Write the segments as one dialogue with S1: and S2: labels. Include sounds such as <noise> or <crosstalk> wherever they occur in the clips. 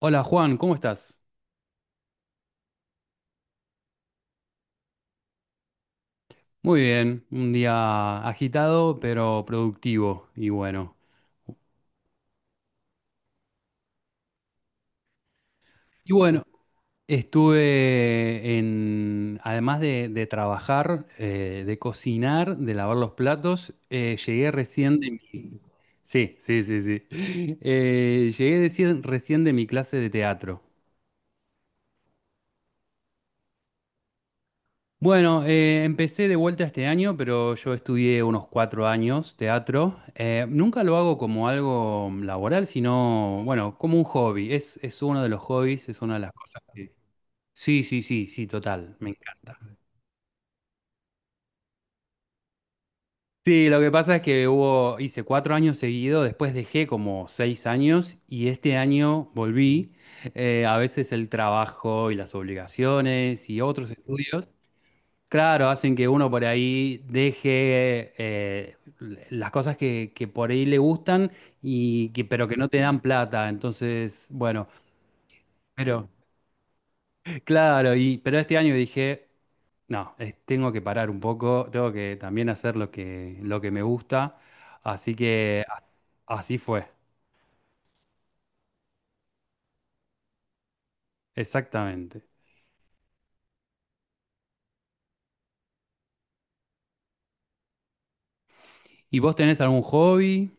S1: Hola Juan, ¿cómo estás? Muy bien, un día agitado pero productivo y bueno. Y bueno, estuve en, además de trabajar, de cocinar, de lavar los platos, llegué recién de mi... Sí, sí, sí, sí. <laughs> Llegué recién de mi clase de teatro. Bueno, empecé de vuelta este año, pero yo estudié unos cuatro años teatro. Nunca lo hago como algo laboral, sino, bueno, como un hobby. Es uno de los hobbies, es una de las cosas que... Sí, sí, sí, sí, total, me encanta. Sí, lo que pasa es que hubo, hice cuatro años seguidos, después dejé como seis años y este año volví. A veces el trabajo y las obligaciones y otros estudios. Claro, hacen que uno por ahí deje las cosas que por ahí le gustan y que, pero que no te dan plata. Entonces, bueno, pero claro, y pero este año dije, no, tengo que parar un poco, tengo que también hacer lo que me gusta. Así que así fue, exactamente. ¿Y vos tenés algún hobby?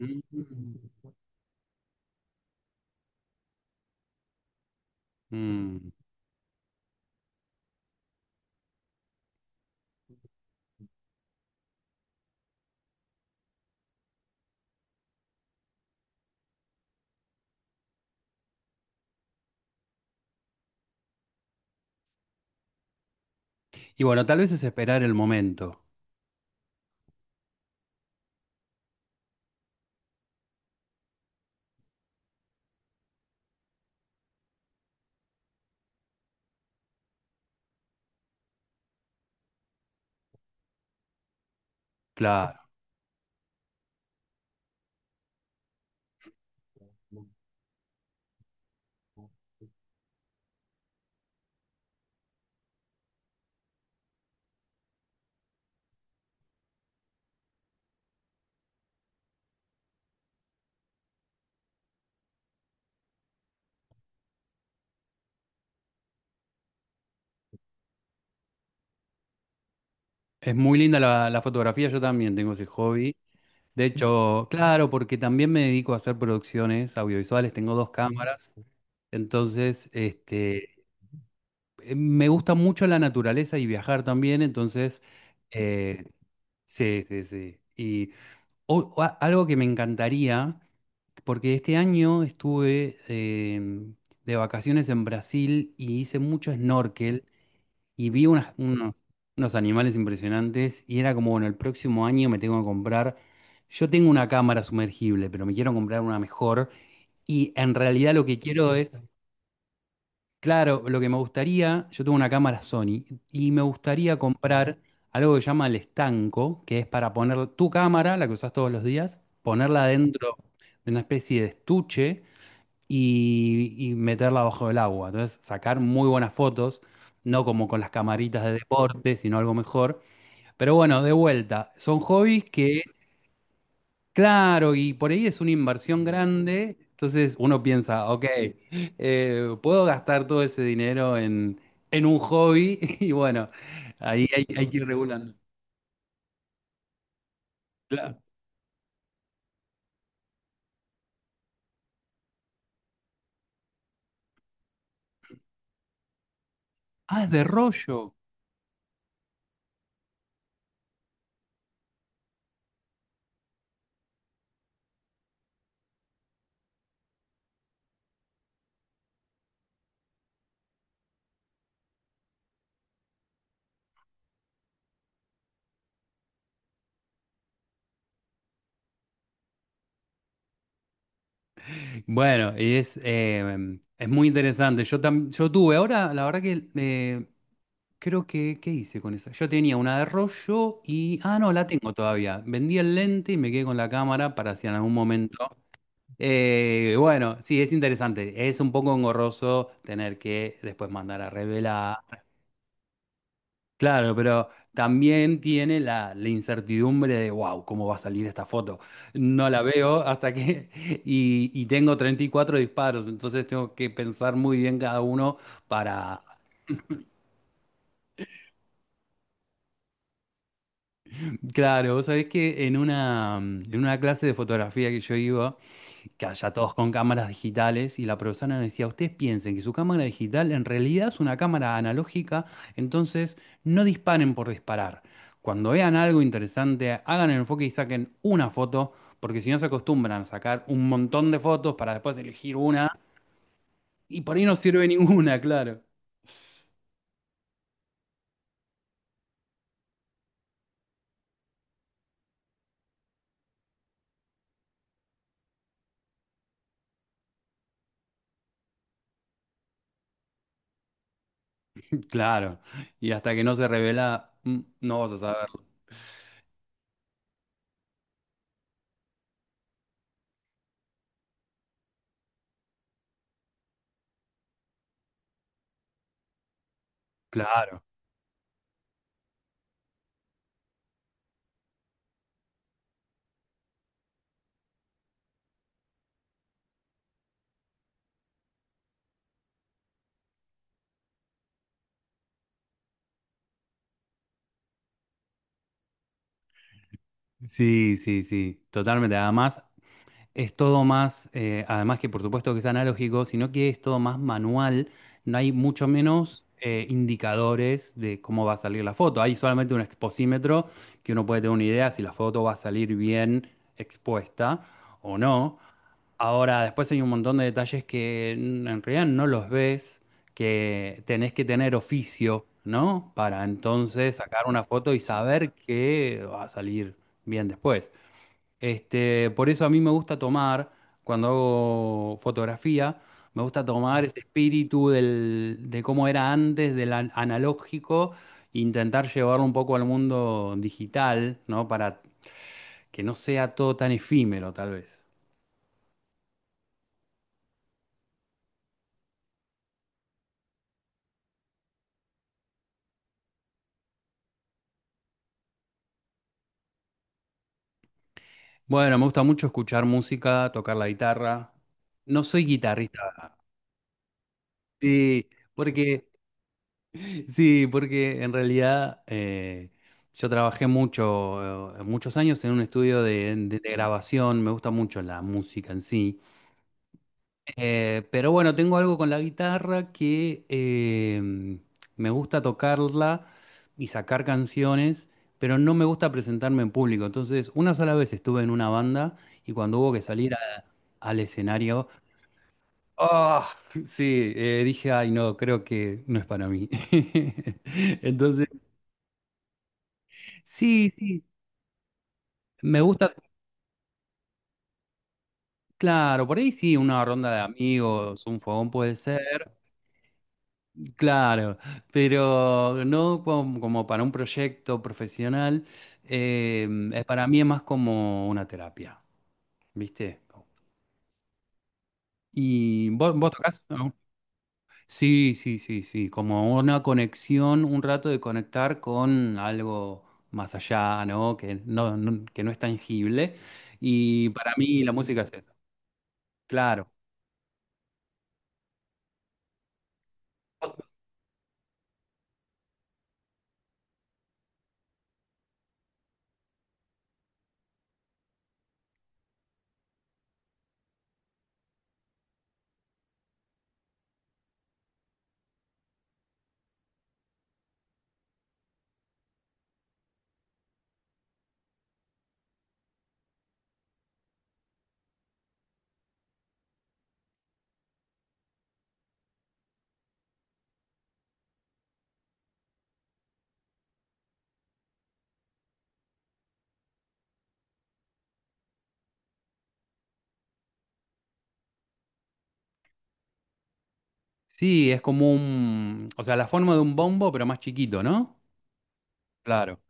S1: Mm. Mm. Y bueno, tal vez es esperar el momento. Claro. Es muy linda la fotografía, yo también tengo ese hobby. De hecho, claro, porque también me dedico a hacer producciones audiovisuales, tengo dos cámaras, entonces este, me gusta mucho la naturaleza y viajar también, entonces, eh, sí, sí, sí. Y algo que me encantaría, porque este año estuve de vacaciones en Brasil y hice mucho snorkel y vi unos, unos animales impresionantes y era como, bueno, el próximo año me tengo que comprar, yo tengo una cámara sumergible, pero me quiero comprar una mejor y en realidad lo que quiero es, claro, lo que me gustaría, yo tengo una cámara Sony y me gustaría comprar algo que se llama el estanco, que es para poner tu cámara, la que usas todos los días, ponerla dentro de una especie de estuche y meterla bajo el agua. Entonces, sacar muy buenas fotos, no como con las camaritas de deporte, sino algo mejor. Pero bueno, de vuelta, son hobbies que, claro, y por ahí es una inversión grande. Entonces uno piensa, ok, puedo gastar todo ese dinero en un hobby <laughs> y bueno, ahí hay, hay que ir regulando. Claro. Ah, es de rollo. Bueno, y es muy interesante. Yo, yo tuve, ahora la verdad que creo que, ¿qué hice con esa? Yo tenía una de rollo y, ah, no, la tengo todavía. Vendí el lente y me quedé con la cámara para si en algún momento. Bueno, sí, es interesante. Es un poco engorroso tener que después mandar a revelar. Claro, pero también tiene la incertidumbre de, wow, ¿cómo va a salir esta foto? No la veo hasta que... <laughs> Y, y tengo 34 disparos, entonces tengo que pensar muy bien cada uno para... Claro, vos sabés que en una clase de fotografía que yo iba, que haya todos con cámaras digitales y la profesora nos decía, ustedes piensen que su cámara digital en realidad es una cámara analógica, entonces no disparen por disparar. Cuando vean algo interesante, hagan el enfoque y saquen una foto, porque si no se acostumbran a sacar un montón de fotos para después elegir una y por ahí no sirve ninguna, claro. <laughs> Claro, y hasta que no se revela, no vas a saberlo. Claro. Sí, sí, sí, totalmente. Además, es todo más, además que por supuesto que es analógico, sino que es todo más manual, no hay mucho menos indicadores de cómo va a salir la foto, hay solamente un exposímetro que uno puede tener una idea si la foto va a salir bien expuesta o no. Ahora, después hay un montón de detalles que en realidad no los ves, que tenés que tener oficio, ¿no? Para entonces sacar una foto y saber que va a salir bien después. Este, por eso a mí me gusta tomar, cuando hago fotografía, me gusta tomar ese espíritu de cómo era antes, del analógico, e intentar llevarlo un poco al mundo digital, ¿no? Para que no sea todo tan efímero, tal vez. Bueno, me gusta mucho escuchar música, tocar la guitarra. No soy guitarrista, sí, porque sí, porque en realidad yo trabajé mucho, muchos años en un estudio de grabación, me gusta mucho la música en sí. Pero bueno, tengo algo con la guitarra que me gusta tocarla y sacar canciones, pero no me gusta presentarme en público. Entonces, una sola vez estuve en una banda y cuando hubo que salir al escenario, ah, sí, dije, ay, no, creo que no es para mí. <laughs> Entonces... Sí, sí, me gusta, claro, por ahí sí, una ronda de amigos, un fogón puede ser, claro, pero no como, como para un proyecto profesional, para mí es más como una terapia, ¿viste? ¿Y vos, vos tocás? ¿No? Sí, sí, sí, sí, como una conexión, un rato de conectar con algo más allá, ¿no? Que no, que no es tangible, y para mí la música es eso, claro. Sí, es como un, o sea, la forma de un bombo, pero más chiquito, ¿no? Claro.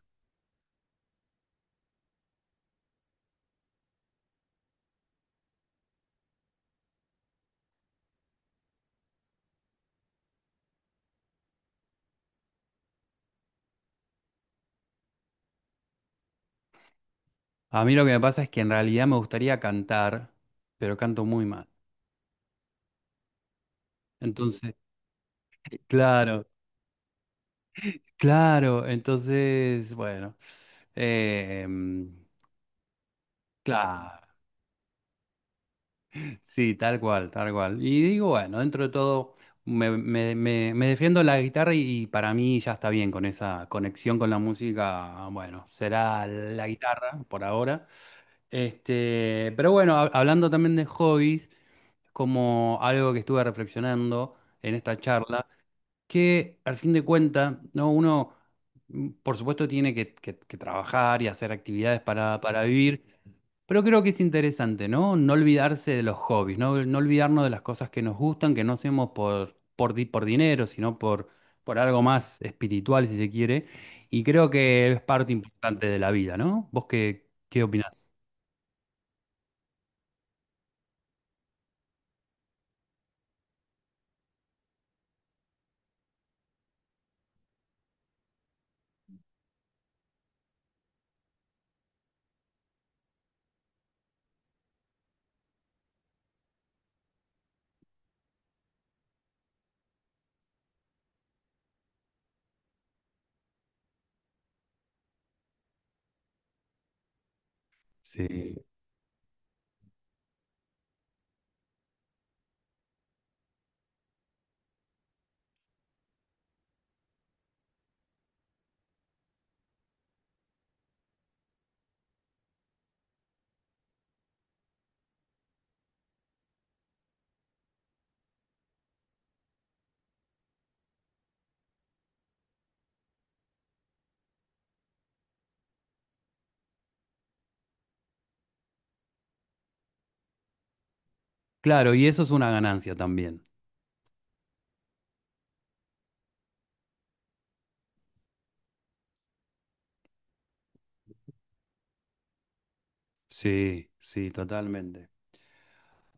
S1: A mí lo que me pasa es que en realidad me gustaría cantar, pero canto muy mal. Entonces, claro, claro, entonces, bueno, eh, claro, sí, tal cual, tal cual. Y digo, bueno, dentro de todo me, me defiendo la guitarra y, para mí ya está bien con esa conexión con la música. Bueno, será la guitarra por ahora. Este, pero bueno, hablando también de hobbies, como algo que estuve reflexionando en esta charla, que al fin de cuentas, ¿no? Uno, por supuesto, tiene que, que trabajar y hacer actividades para vivir, pero creo que es interesante, ¿no? No olvidarse de los hobbies, no, no olvidarnos de las cosas que nos gustan, que no hacemos por, por dinero, sino por algo más espiritual, si se quiere. Y creo que es parte importante de la vida, ¿no? ¿Vos qué, qué opinás? Sí. Claro, y eso es una ganancia también. Sí, sí, totalmente.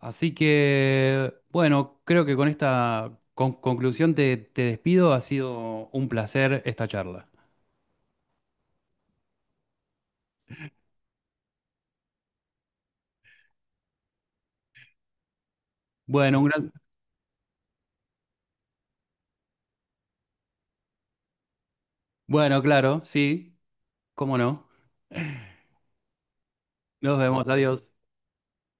S1: Así que, bueno, creo que con esta conclusión te, te despido. Ha sido un placer esta charla. Bueno, un gran... Bueno, claro, sí. ¿Cómo no? Nos vemos, adiós.